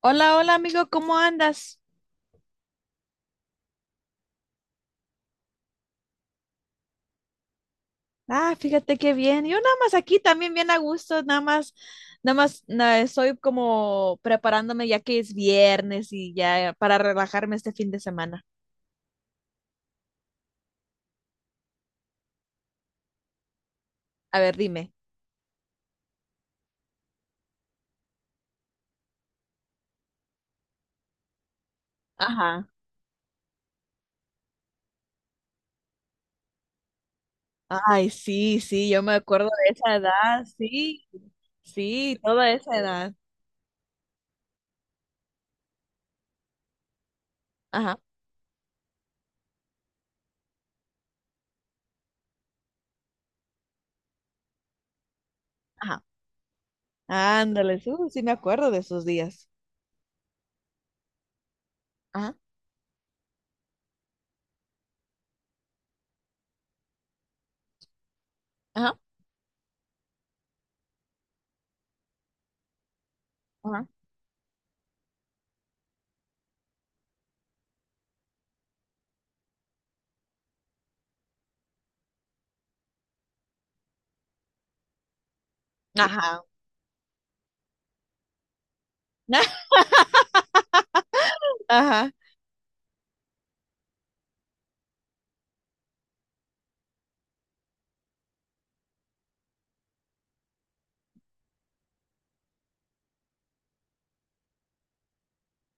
Hola, hola amigo, ¿cómo andas? Ah, fíjate qué bien. Yo nada más aquí también bien a gusto, nada más, estoy como preparándome ya que es viernes y ya para relajarme este fin de semana. A ver, dime. Ajá. Ay, sí, sí, yo me acuerdo de esa edad, sí, sí, toda esa edad. Ajá, ajá. Ándale, sí me acuerdo de esos días. Ajá, ajá, ajá. Ajá. Ajá,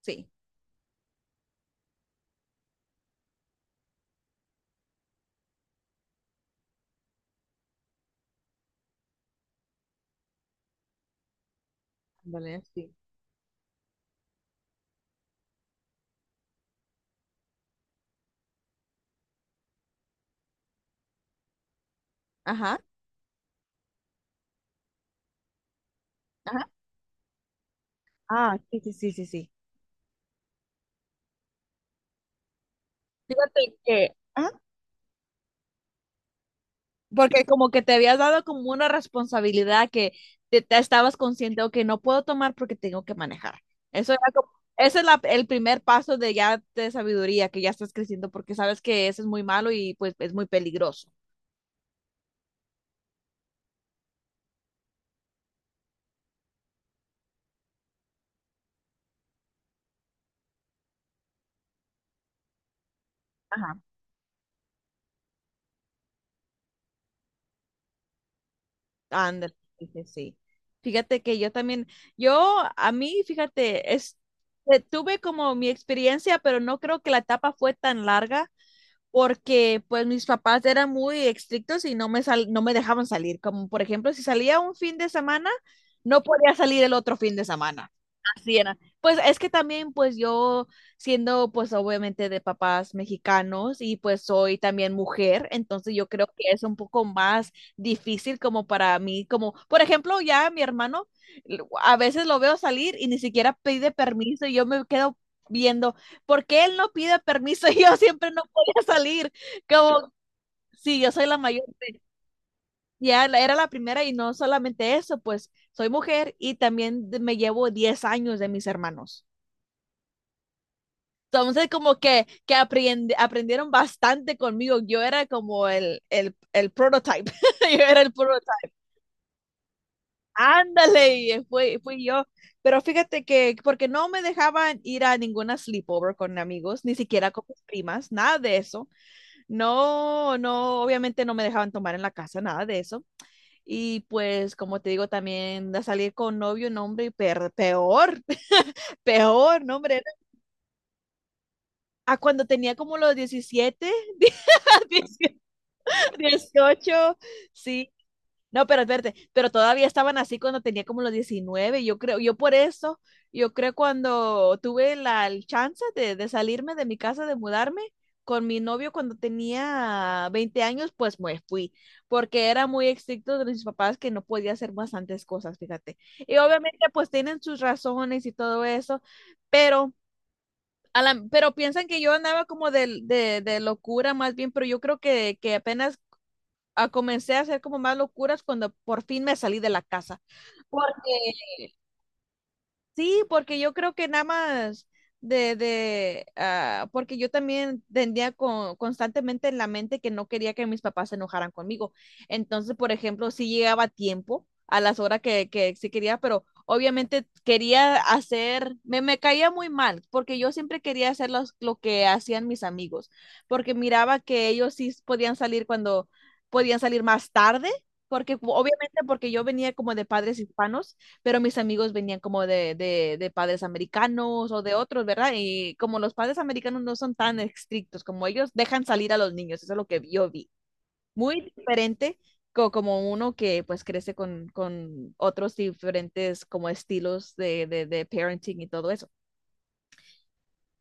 sí. Ándale, sí. Ajá. Ah, sí, sí, sí, sí, sí. Fíjate que. Ah, porque como que te habías dado como una responsabilidad que te estabas consciente, ok, no puedo tomar porque tengo que manejar. Eso era como, ese es el primer paso de ya de sabiduría, que ya estás creciendo, porque sabes que eso es muy malo y pues es muy peligroso. Ajá. Ándale, sí, sí. Sí. Fíjate que yo también, yo a mí, fíjate, es, tuve como mi experiencia, pero no creo que la etapa fue tan larga porque pues mis papás eran muy estrictos y no me dejaban salir. Como por ejemplo, si salía un fin de semana, no podía salir el otro fin de semana. Así era. Pues es que también pues yo siendo pues obviamente de papás mexicanos y pues soy también mujer, entonces yo creo que es un poco más difícil como para mí, como por ejemplo ya mi hermano a veces lo veo salir y ni siquiera pide permiso y yo me quedo viendo, ¿por qué él no pide permiso y yo siempre no a salir? Como, sí, yo soy la mayor, ya era la primera y no solamente eso, pues soy mujer y también me llevo 10 años de mis hermanos. Entonces, como que, aprendieron bastante conmigo. Yo era como el prototype. Yo era el prototype. Ándale, y fui yo. Pero fíjate que, porque no me dejaban ir a ninguna sleepover con amigos, ni siquiera con mis primas, nada de eso. No, no, obviamente no me dejaban tomar en la casa, nada de eso. Y pues, como te digo, también a salir con novio, nombre, y peor, peor, nombre. A cuando tenía como los 17, 18, sí. No, pero espérate, pero todavía estaban así cuando tenía como los 19, yo creo. Yo por eso, yo creo cuando tuve la el chance de salirme de mi casa, de mudarme con mi novio cuando tenía 20 años, pues me fui, porque era muy estricto de mis papás que no podía hacer bastantes cosas, fíjate. Y obviamente pues tienen sus razones y todo eso, pero pero piensan que yo andaba como de locura más bien, pero yo creo que apenas a comencé a hacer como más locuras cuando por fin me salí de la casa. Porque Sí, porque yo creo que nada más porque yo también tendría constantemente en la mente que no quería que mis papás se enojaran conmigo. Entonces, por ejemplo, sí llegaba a tiempo, a las horas que sí quería, pero obviamente quería hacer, me caía muy mal, porque yo siempre quería hacer lo que hacían mis amigos, porque miraba que ellos sí podían salir cuando podían salir más tarde, porque obviamente porque yo venía como de padres hispanos pero mis amigos venían como de padres americanos o de otros, ¿verdad? Y como los padres americanos no son tan estrictos como ellos, dejan salir a los niños, eso es lo que yo vi. Muy diferente como uno que pues crece con otros diferentes como estilos de parenting y todo eso.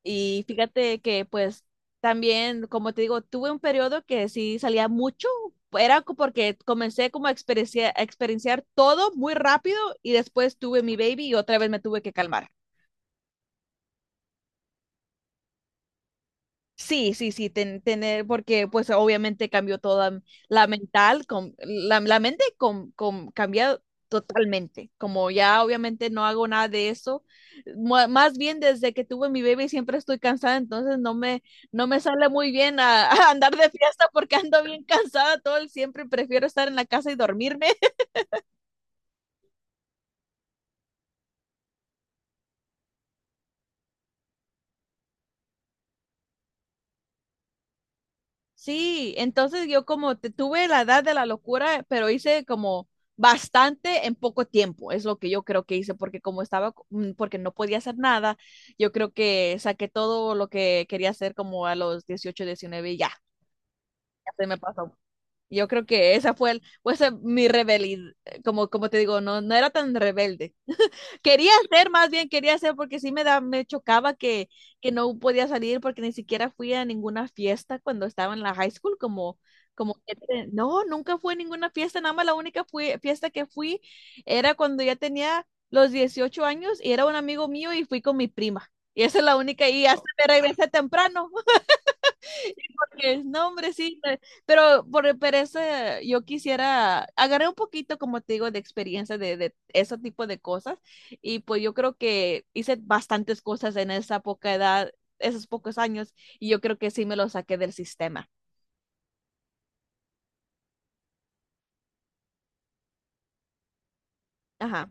Y fíjate que pues también, como te digo, tuve un periodo que sí salía mucho, era porque comencé como a experienciar todo muy rápido y después tuve mi baby y otra vez me tuve que calmar. Sí, sí, sí, tener, porque pues obviamente cambió toda la mental, la mente cambia totalmente, como ya obviamente no hago nada de eso, más bien desde que tuve mi baby siempre estoy cansada, entonces no me sale muy bien a, a andar de fiesta porque ando bien cansada todo el siempre, prefiero estar en la casa y dormirme. Sí, entonces yo como tuve la edad de la locura, pero hice como bastante en poco tiempo, es lo que yo creo que hice, porque como estaba, porque no podía hacer nada, yo creo que saqué todo lo que quería hacer como a los 18, 19 y ya, ya se me pasó. Yo creo que fue esa mi rebelión, como te digo, no, no era tan rebelde, quería hacer, más bien quería hacer, porque sí me chocaba que no podía salir porque ni siquiera fui a ninguna fiesta cuando estaba en la high school, no, nunca fui a ninguna fiesta, nada más la única fiesta que fui era cuando ya tenía los 18 años y era un amigo mío y fui con mi prima. Y esa es la única, y hasta me regresé temprano. No, hombre, sí, pero pero ese, yo quisiera, agarré un poquito, como te digo, de experiencia de ese tipo de cosas y pues yo creo que hice bastantes cosas en esa poca edad, esos pocos años y yo creo que sí me lo saqué del sistema. Ajá,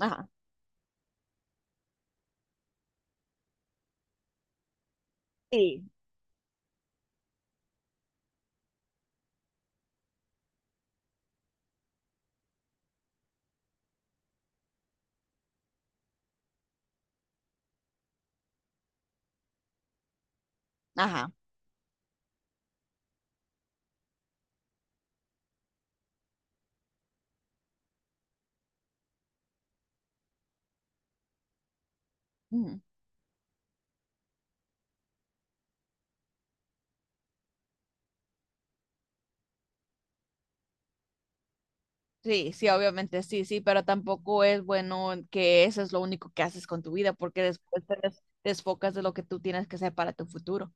ajá, sí, ajá. Ujú. Sí, sí, obviamente sí, sí, pero tampoco es bueno que eso es lo único que haces con tu vida porque después te desfocas de lo que tú tienes que hacer para tu futuro.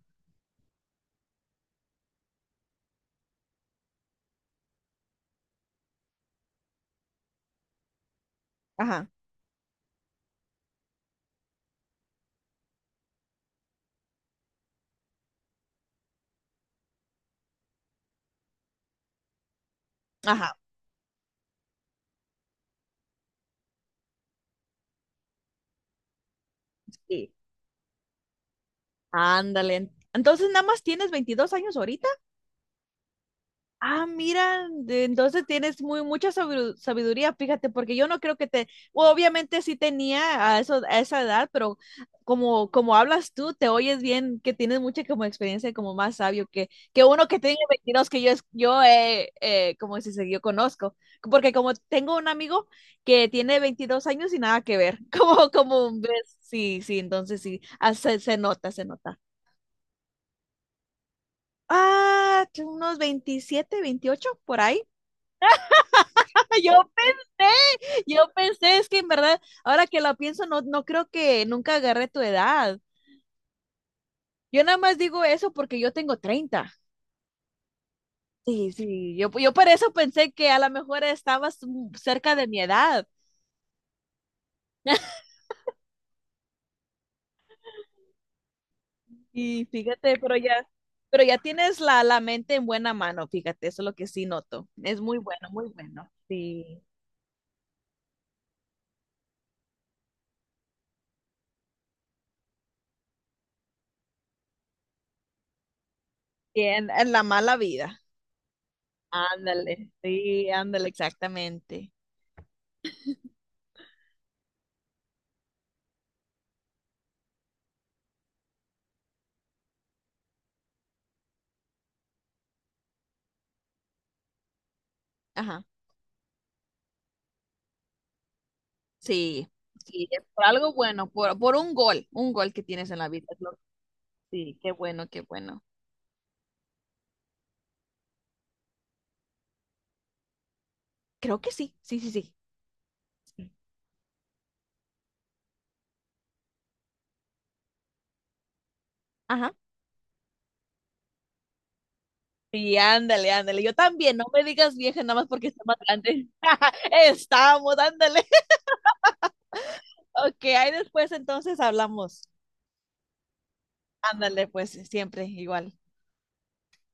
Ajá, ajá. Sí. Ándale. Entonces, nada más tienes 22 años ahorita. Ah, mira, entonces tienes muy mucha sabiduría, fíjate, porque yo no creo obviamente sí tenía a eso, a esa edad, pero como hablas tú, te oyes bien, que tienes mucha como experiencia, y como más sabio que uno que tiene 22 que yo, yo como si se yo conozco, porque como tengo un amigo que tiene 22 años y nada que ver, como ves, sí, sí, entonces sí, ah, se nota, se nota. Ah, que unos 27, 28 por ahí. Yo pensé, yo pensé, es que en verdad, ahora que lo pienso, no, no creo que nunca agarré tu edad. Yo nada más digo eso porque yo tengo 30. Sí, sí. Yo por eso pensé que a lo mejor estabas cerca de mi edad. Y fíjate, pero ya tienes la mente en buena mano, fíjate, eso es lo que sí noto. Es muy bueno, muy bueno. Sí. Y en la mala vida. Ándale, sí, ándale, exactamente. Ajá, sí, sí, es por algo bueno, por un gol que tienes en la vida. Sí, qué bueno, qué bueno. Creo que sí, sí, sí, sí. Sí. Ajá. Sí, ándale, ándale. Yo también, no me digas vieja nada más porque está más grande. Estamos, ándale. Ok, ahí después entonces hablamos. Ándale, pues siempre igual.